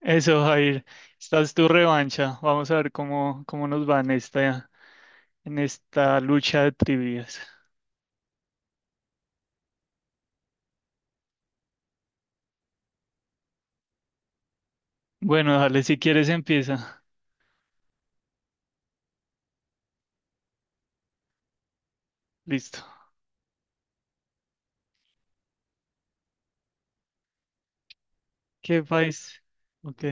Eso, Jair, esta es tu revancha. Vamos a ver cómo nos va en esta lucha de trivias. Bueno, dale, si quieres empieza. Listo. ¿Qué país? Ok.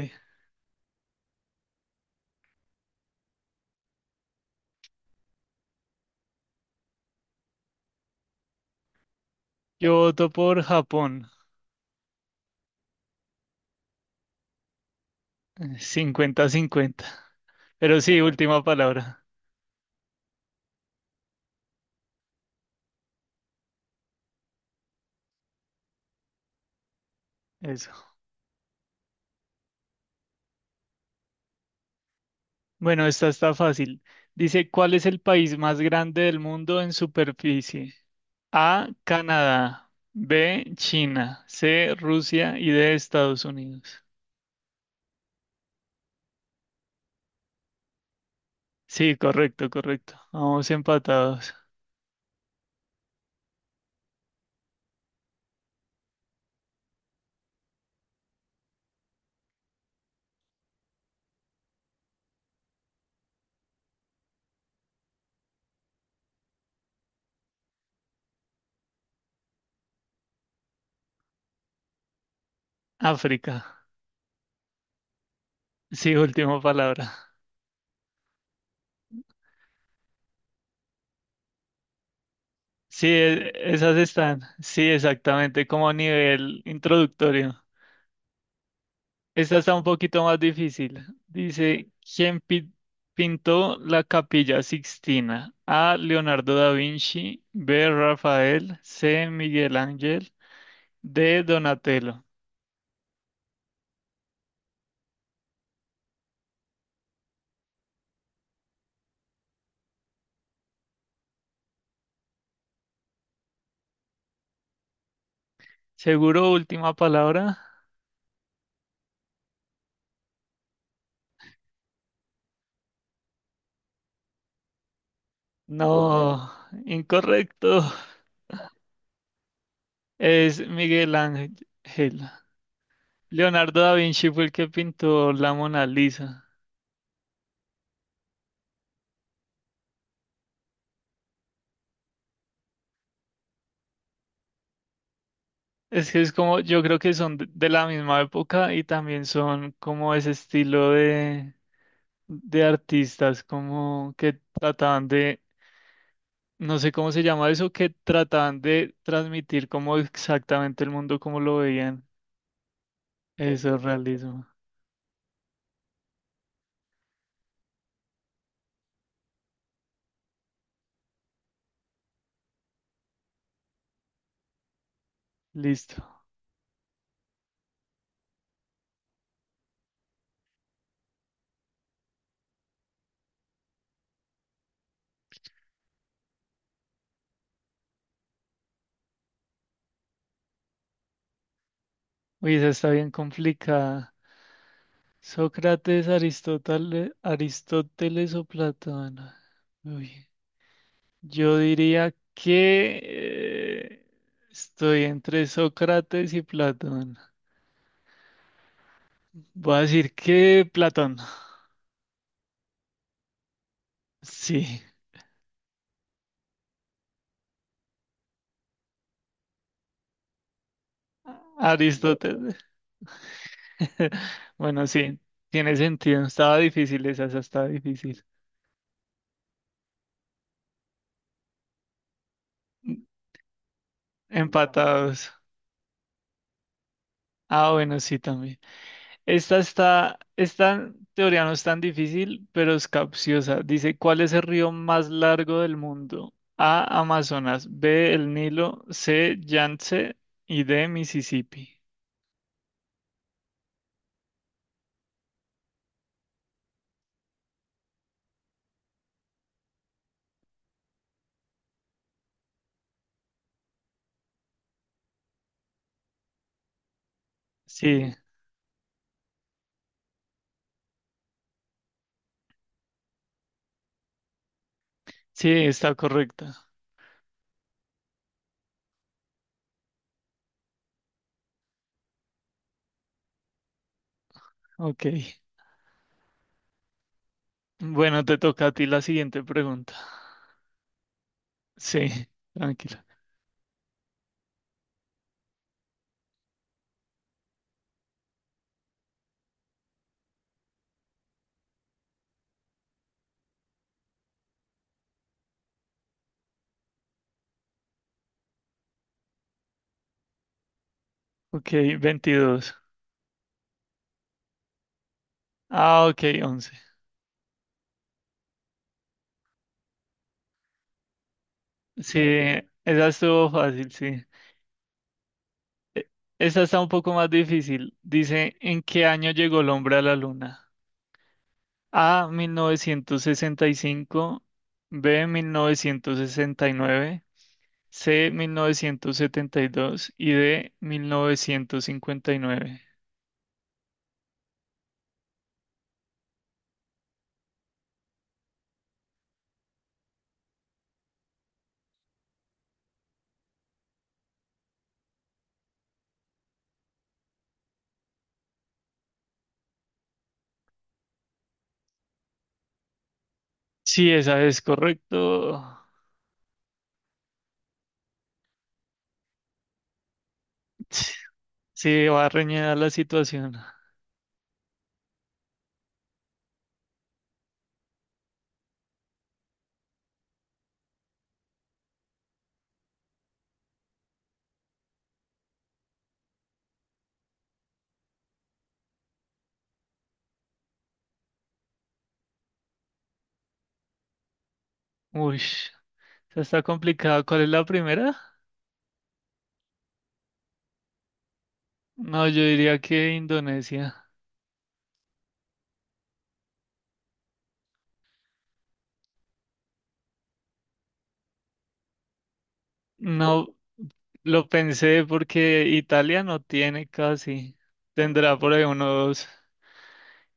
Yo voto por Japón. Cincuenta 50. Pero sí, última palabra. Eso. Bueno, esta está fácil. Dice, ¿cuál es el país más grande del mundo en superficie? A, Canadá. B, China. C, Rusia y D, Estados Unidos. Sí, correcto, correcto. Vamos empatados. África. Sí, última palabra. Sí, esas están. Sí, exactamente, como nivel introductorio. Esta está un poquito más difícil. Dice, ¿quién pintó la Capilla Sixtina? A. Leonardo da Vinci. B. Rafael. C. Miguel Ángel. D. Donatello. ¿Seguro última palabra? No, incorrecto. Es Miguel Ángel. Leonardo da Vinci fue el que pintó la Mona Lisa. Es que es como, yo creo que son de la misma época, y también son como ese estilo de artistas, como que trataban de, no sé cómo se llama eso, que trataban de transmitir como exactamente el mundo como lo veían. Eso es realismo. Listo. Uy, esa está bien complicada. Sócrates, Aristóteles, Aristóteles o Platón. Uy. Yo diría que estoy entre Sócrates y Platón. Voy a decir que Platón. Sí, Aristóteles. Bueno, sí, tiene sentido. Estaba difícil esa, esa estaba difícil. Empatados. Ah, bueno, sí, también. Esta está, esta teoría no es tan difícil, pero es capciosa. Dice, ¿cuál es el río más largo del mundo? A, Amazonas; B, el Nilo; C, Yangtze; y D, Mississippi. Sí, sí, está correcta. Ok. Bueno, te toca a ti la siguiente pregunta. Sí, tranquila. Ok, veintidós. Ah, ok, 11. Sí, esa estuvo fácil, sí. E- Esa está un poco más difícil. Dice, ¿en qué año llegó el hombre a la luna? A, mil novecientos sesenta y cinco; B, mil novecientos sesenta y nueve; C, mil novecientos setenta y dos; y D, 1959. Sí, esa es correcto. Sí, va a reñir la situación. Uy, esa está complicado. ¿Cuál es la primera? No, yo diría que Indonesia. No, lo pensé porque Italia no tiene casi. Tendrá por ahí unos.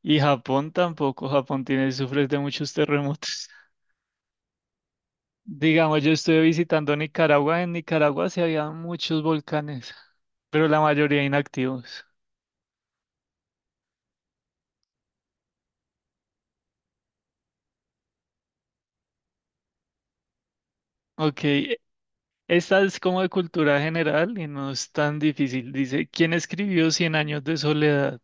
Y Japón tampoco. Japón tiene, sufre de muchos terremotos. Digamos, yo estuve visitando Nicaragua. En Nicaragua sí había muchos volcanes, pero la mayoría inactivos. Ok, esta es como de cultura general y no es tan difícil. Dice, ¿quién escribió Cien años de soledad?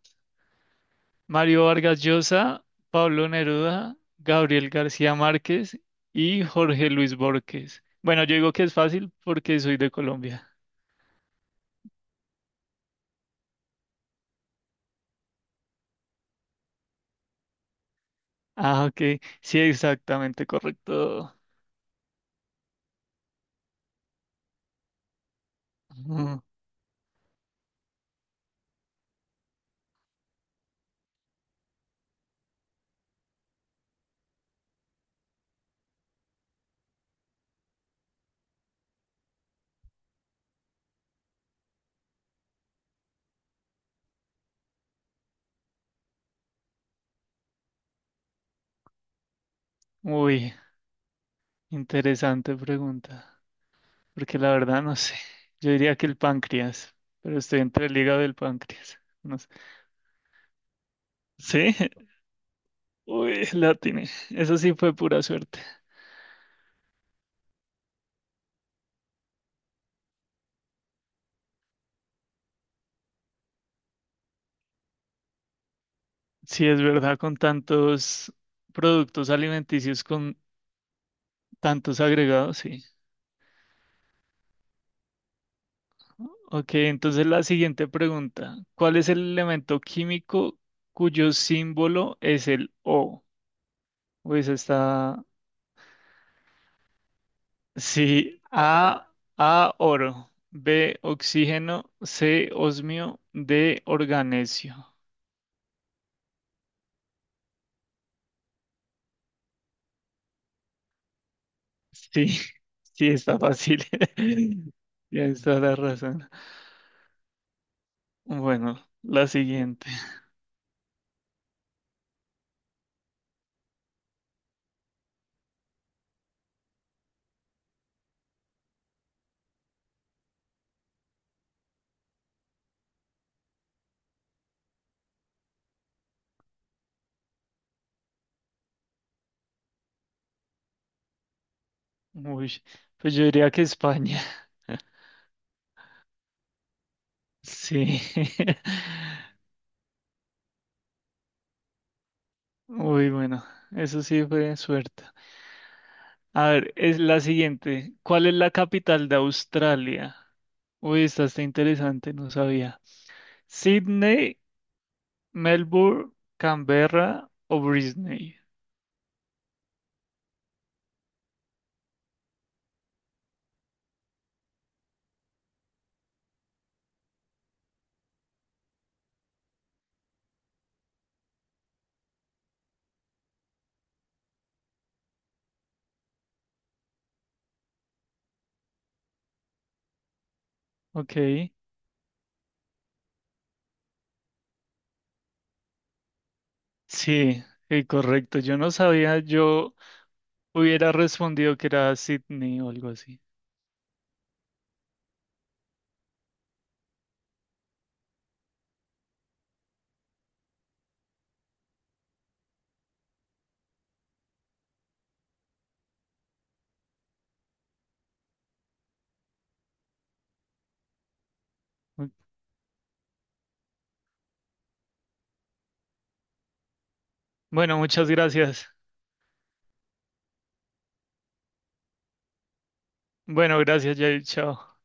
Mario Vargas Llosa, Pablo Neruda, Gabriel García Márquez y Jorge Luis Borges. Bueno, yo digo que es fácil porque soy de Colombia. Ah, ok, sí, exactamente correcto. Ujú. Uy, interesante pregunta, porque la verdad no sé. Yo diría que el páncreas, pero estoy entre el hígado y el páncreas. No sé. ¿Sí? Uy, la tiene. Eso sí fue pura suerte. Sí, es verdad, con tantos productos alimenticios, con tantos agregados, sí. Ok, entonces la siguiente pregunta. ¿Cuál es el elemento químico cuyo símbolo es el O? Pues está. Sí, A, oro; B, oxígeno; C, osmio; D, organesio. Sí, sí, está fácil. Tienes toda la razón. Bueno, la siguiente. Uy, pues yo diría que España. Sí. Uy, bueno, eso sí fue suerte. A ver, es la siguiente. ¿Cuál es la capital de Australia? Uy, esta está interesante, no sabía. Sydney, Melbourne, Canberra o Brisbane. Ok. Sí, correcto. Yo no sabía, yo hubiera respondido que era Sydney o algo así. Bueno, muchas gracias. Bueno, gracias, Jair. Chao.